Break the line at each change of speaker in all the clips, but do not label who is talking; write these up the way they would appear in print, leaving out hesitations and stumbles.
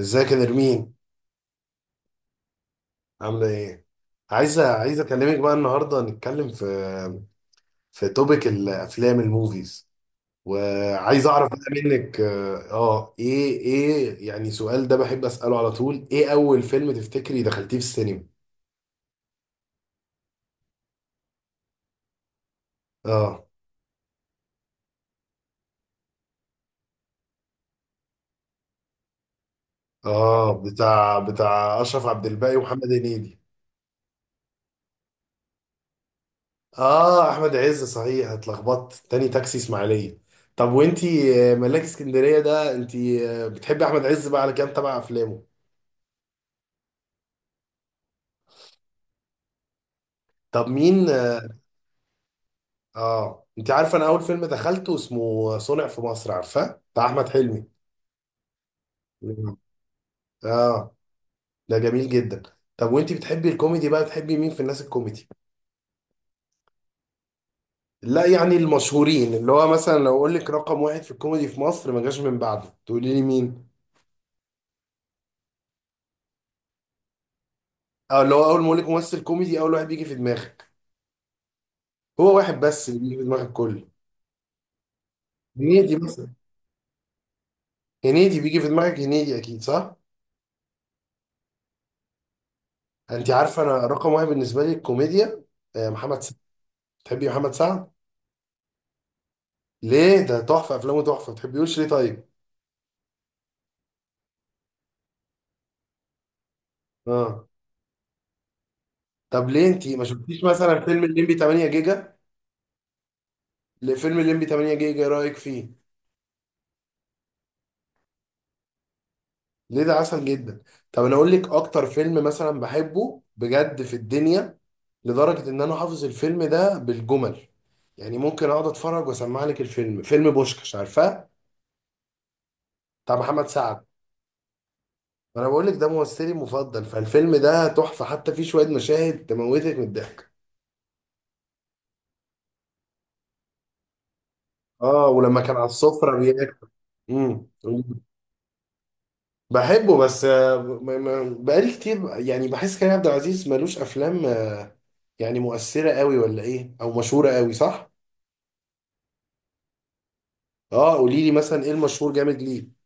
ازيك يا نرمين؟ عاملة ايه؟ عايز اكلمك بقى النهارده، نتكلم في توبيك الافلام الموفيز، وعايز اعرف بقى منك. ايه يعني سؤال ده بحب اساله على طول: ايه اول فيلم تفتكري دخلتيه في السينما؟ اه، اه، بتاع اشرف عبد الباقي ومحمد هنيدي. اه، احمد عز صحيح، اتلخبطت، تاني تاكسي اسماعيليه. طب وانتي، ملاك اسكندريه ده، انتي بتحبي احمد عز بقى؟ على كام تبع افلامه؟ طب مين؟ اه، انت عارفه انا اول فيلم دخلته اسمه صنع في مصر، عارفاه؟ بتاع احمد حلمي. اه، ده جميل جدا. طب وانت بتحبي الكوميدي بقى، بتحبي مين في الناس الكوميدي؟ لا يعني المشهورين، اللي هو مثلا لو اقول لك رقم واحد في الكوميدي في مصر ما جاش من بعده، تقولي لي مين؟ اه، اللي هو اول ما اقول لك ممثل كوميدي اول واحد بيجي في دماغك. هو واحد بس اللي بيجي في دماغك كله. هنيدي مثلا. هنيدي بيجي في دماغك، هنيدي اكيد، صح؟ انت عارفه انا رقم واحد بالنسبه لي الكوميديا محمد سعد. بتحبي محمد سعد؟ ليه؟ ده تحفه، افلامه تحفه، ما تحبيهوش ليه طيب؟ اه. طب ليه انت ما شفتيش مثلا فيلم الليمبي 8 جيجا؟ ليه فيلم الليمبي 8 جيجا، إيه رايك فيه؟ ليه، ده عسل جدا. طب انا اقول لك اكتر فيلم مثلا بحبه بجد في الدنيا، لدرجه ان انا حافظ الفيلم ده بالجمل. يعني ممكن اقعد اتفرج واسمع لك الفيلم، فيلم بوشكش، عارفاه؟ بتاع محمد سعد. انا بقول لك ده ممثلي المفضل، فالفيلم ده تحفه، حتى فيه شويه مشاهد تموتك من الضحك. اه، ولما كان على السفره بياكل. امم. بحبه بس، بقالي كتير يعني بحس كريم عبد العزيز ملوش افلام، يعني مؤثره قوي ولا ايه، او مشهوره قوي، صح؟ اه، قولي لي مثلا، ايه المشهور جامد ليه؟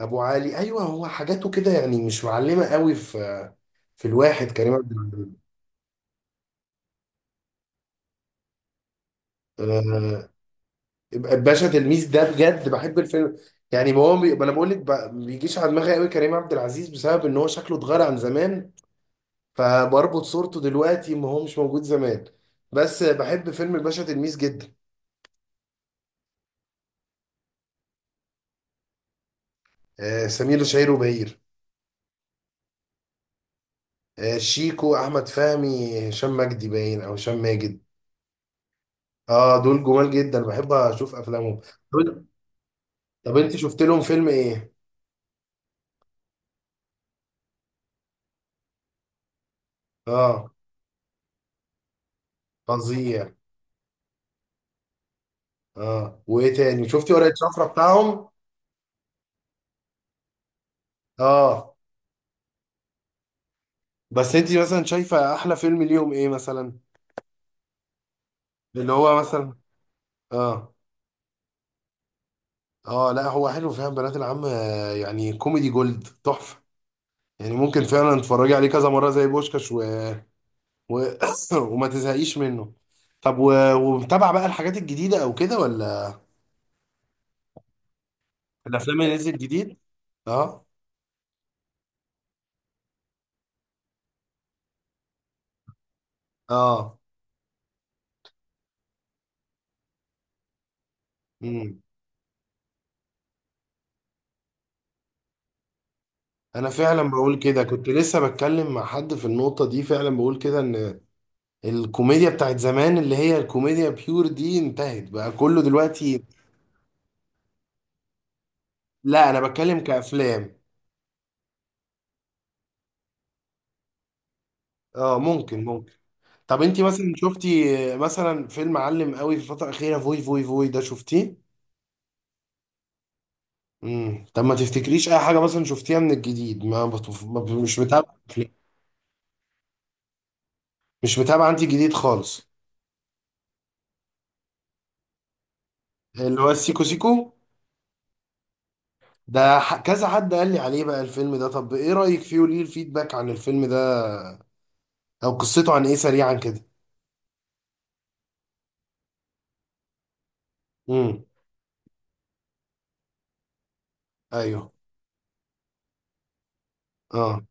ابو علي؟ ايوه، هو حاجاته كده يعني مش معلمه قوي في الواحد كريم عبد العزيز. آه، باشا تلميذ ده بجد بحب الفيلم. يعني ما هو بي... ما انا بقول لك ب... بيجيش على دماغي قوي كريم عبد العزيز، بسبب ان هو شكله اتغير عن زمان، فبربط صورته دلوقتي ما هو مش موجود زمان. بس بحب فيلم الباشا تلميذ جدا. سمير شهير وبهير. شيكو، احمد فهمي، هشام مجدي، باين او هشام ماجد. اه، دول جمال جدا، بحب اشوف افلامهم. دول. طب انت شفت لهم فيلم ايه؟ اه، فظيع. اه، وايه تاني شفتي؟ ورقة شفرة بتاعهم؟ اه. بس انت مثلا شايفة احلى فيلم ليهم ايه مثلا؟ اللي هو مثلا. اه. اه لا، هو حلو فعلا بنات العم، يعني كوميدي جولد، تحفة. يعني ممكن فعلا تتفرجي عليه كذا مرة زي بوشكاش، و... وما تزهقيش منه. طب ومتابع بقى الحاجات الجديدة او كده، ولا؟ الافلام اللي نزلت جديد. اه، اه. امم. انا فعلا بقول كده، كنت لسه بتكلم مع حد في النقطة دي، فعلا بقول كده ان الكوميديا بتاعت زمان، اللي هي الكوميديا بيور دي، انتهت بقى، كله دلوقتي. لا انا بتكلم كأفلام. اه، ممكن، ممكن. طب انتي مثلا شفتي، مثلا فيلم علم قوي في الفترة الأخيرة فوي فوي فوي، ده شفتيه؟ امم. طب ما تفتكريش اي حاجه مثلا شفتيها من الجديد؟ ما, بت... ما ب- مش متابع؟ مش متابع، انت جديد خالص؟ اللي هو السيكو سيكو؟ ده، كذا حد قال لي عليه بقى الفيلم ده، طب ايه رايك فيه، وليه الفيدباك عن الفيلم ده، او قصته عن ايه سريعا كده؟ امم. ايوه. اه.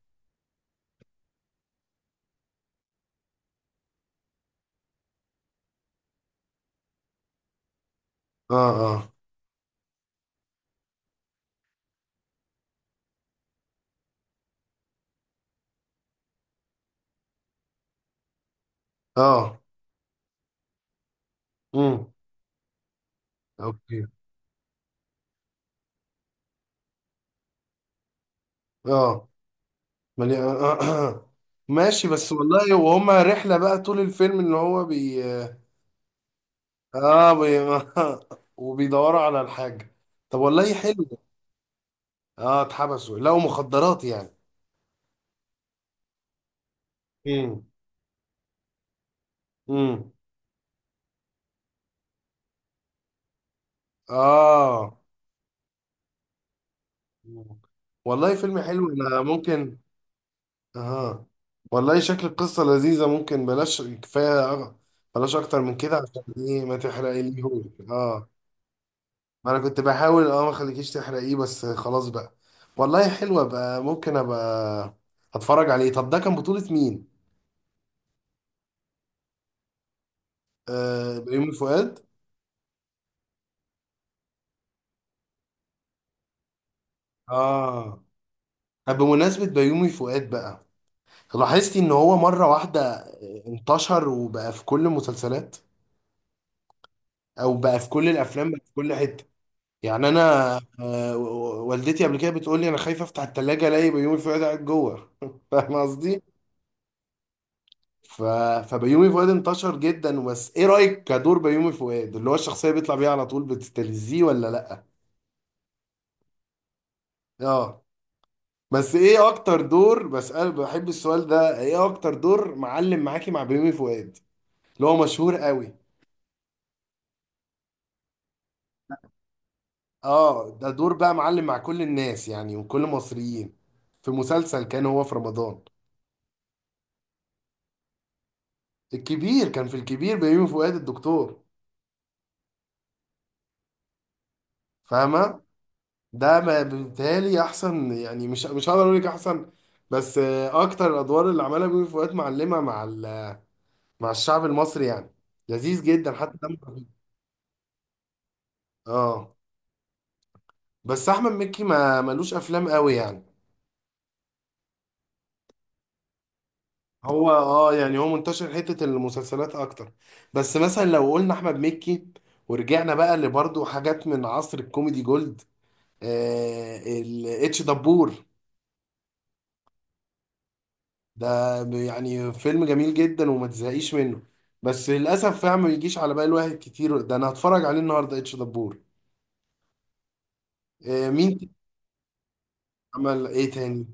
اه. اه. اه. امم. اوكي. اه. ملي... آه. ماشي، بس والله، وهما رحله بقى طول الفيلم، ان هو اه بي... وبيدوروا على الحاجه. طب والله حلو. اه، اتحبسوا، لقوا مخدرات يعني. امم. امم. اه. مم. والله فيلم حلو، انا ممكن. اه، والله شكل القصة لذيذة، ممكن بلاش، كفاية بلاش اكتر من كده، عشان ايه ما تحرقيليهوش. اه، ما انا كنت بحاول ما خليكيش تحرقيه، بس خلاص بقى. والله حلوة بقى، ممكن ابقى اتفرج عليه. طب ده كان بطولة مين؟ آه، بيومي فؤاد. اه، طب بمناسبة بيومي فؤاد بقى، لاحظتي ان هو مرة واحدة انتشر وبقى في كل المسلسلات، او بقى في كل الافلام، بقى في كل حتة. يعني انا، والدتي قبل كده بتقول لي انا خايفة افتح التلاجة الاقي بيومي فؤاد قاعد جوه فاهم قصدي؟ ف... فبيومي فؤاد انتشر جدا، بس ايه رأيك كدور بيومي فؤاد، اللي هو الشخصية بيطلع بيها على طول، بتستلذيه ولا لا؟ اه. بس ايه اكتر دور؟ بسأل، بحب السؤال ده: ايه اكتر دور معلم معاكي مع بيومي فؤاد، اللي هو مشهور قوي؟ اه، ده دور بقى معلم مع كل الناس يعني، وكل المصريين، في مسلسل كان هو في رمضان الكبير. كان في الكبير بيومي فؤاد الدكتور، فاهمة؟ ده ما بالتالي احسن، يعني مش هقدر اقول لك احسن، بس اكتر الادوار اللي عملها بيومي فؤاد معلمة مع مع الشعب المصري يعني. لذيذ جدا، حتى دمه خفيف. اه، بس احمد مكي ما ملوش افلام قوي يعني، هو يعني هو منتشر حتة المسلسلات اكتر. بس مثلا لو قلنا احمد مكي، ورجعنا بقى لبرضه حاجات من عصر الكوميدي جولد، الاتش دبور ده، يعني فيلم جميل جدا وما تزهقيش منه، بس للاسف فعلا ما بيجيش على بال واحد كتير. ده انا هتفرج عليه النهارده، اتش دبور. آه، مين تاني؟ عمل ايه تاني؟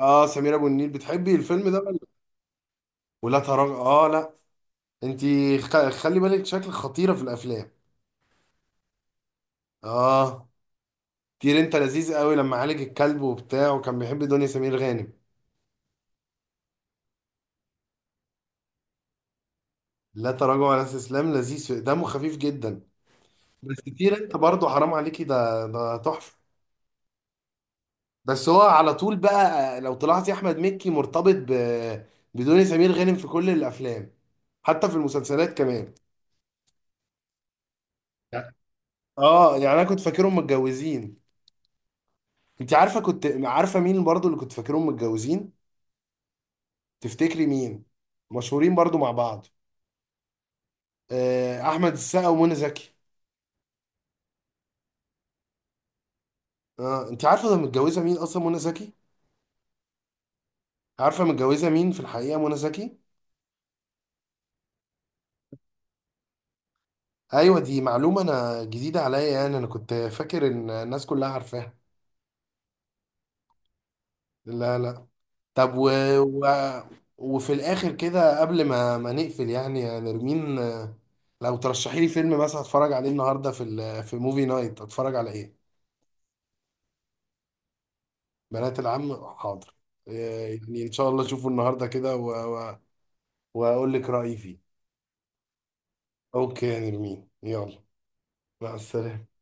اه، سمير ابو النيل؟ بتحبي الفيلم ده ولا؟ ولا تراجع؟ اه لا. انتي خلي بالك شكلك خطيرة في الافلام. اه، كتير انت لذيذ قوي، لما عالج الكلب وبتاع، وكان بيحب دنيا سمير غانم. لا تراجع ولا استسلام لذيذ، دمه خفيف جدا. بس كتير انت برضه حرام عليكي، ده تحفه. بس هو على طول بقى، لو طلعتي احمد مكي مرتبط بدنيا سمير غانم في كل الافلام، حتى في المسلسلات كمان. اه، يعني انا كنت فاكرهم متجوزين. انت عارفه كنت عارفه مين برضه اللي كنت فاكرهم متجوزين؟ تفتكري مين؟ مشهورين برضه مع بعض. احمد السقا ومنى زكي. اه، انت عارفه ده متجوزه مين اصلا منى زكي؟ عارفه متجوزه مين في الحقيقه منى زكي؟ ايوه، دي معلومه انا جديده عليا، يعني انا كنت فاكر ان الناس كلها عارفاها. لا، لا. طب و... وفي الاخر كده قبل ما نقفل، يعني يا نرمين، لو ترشحي لي فيلم مثلا اتفرج عليه النهارده في في موفي نايت، اتفرج على ايه؟ بنات العم، حاضر. يعني ان شاء الله اشوفه النهارده كده، و... واقول لك رايي فيه. اوكي يا نرمين، يلا. مع السلامه.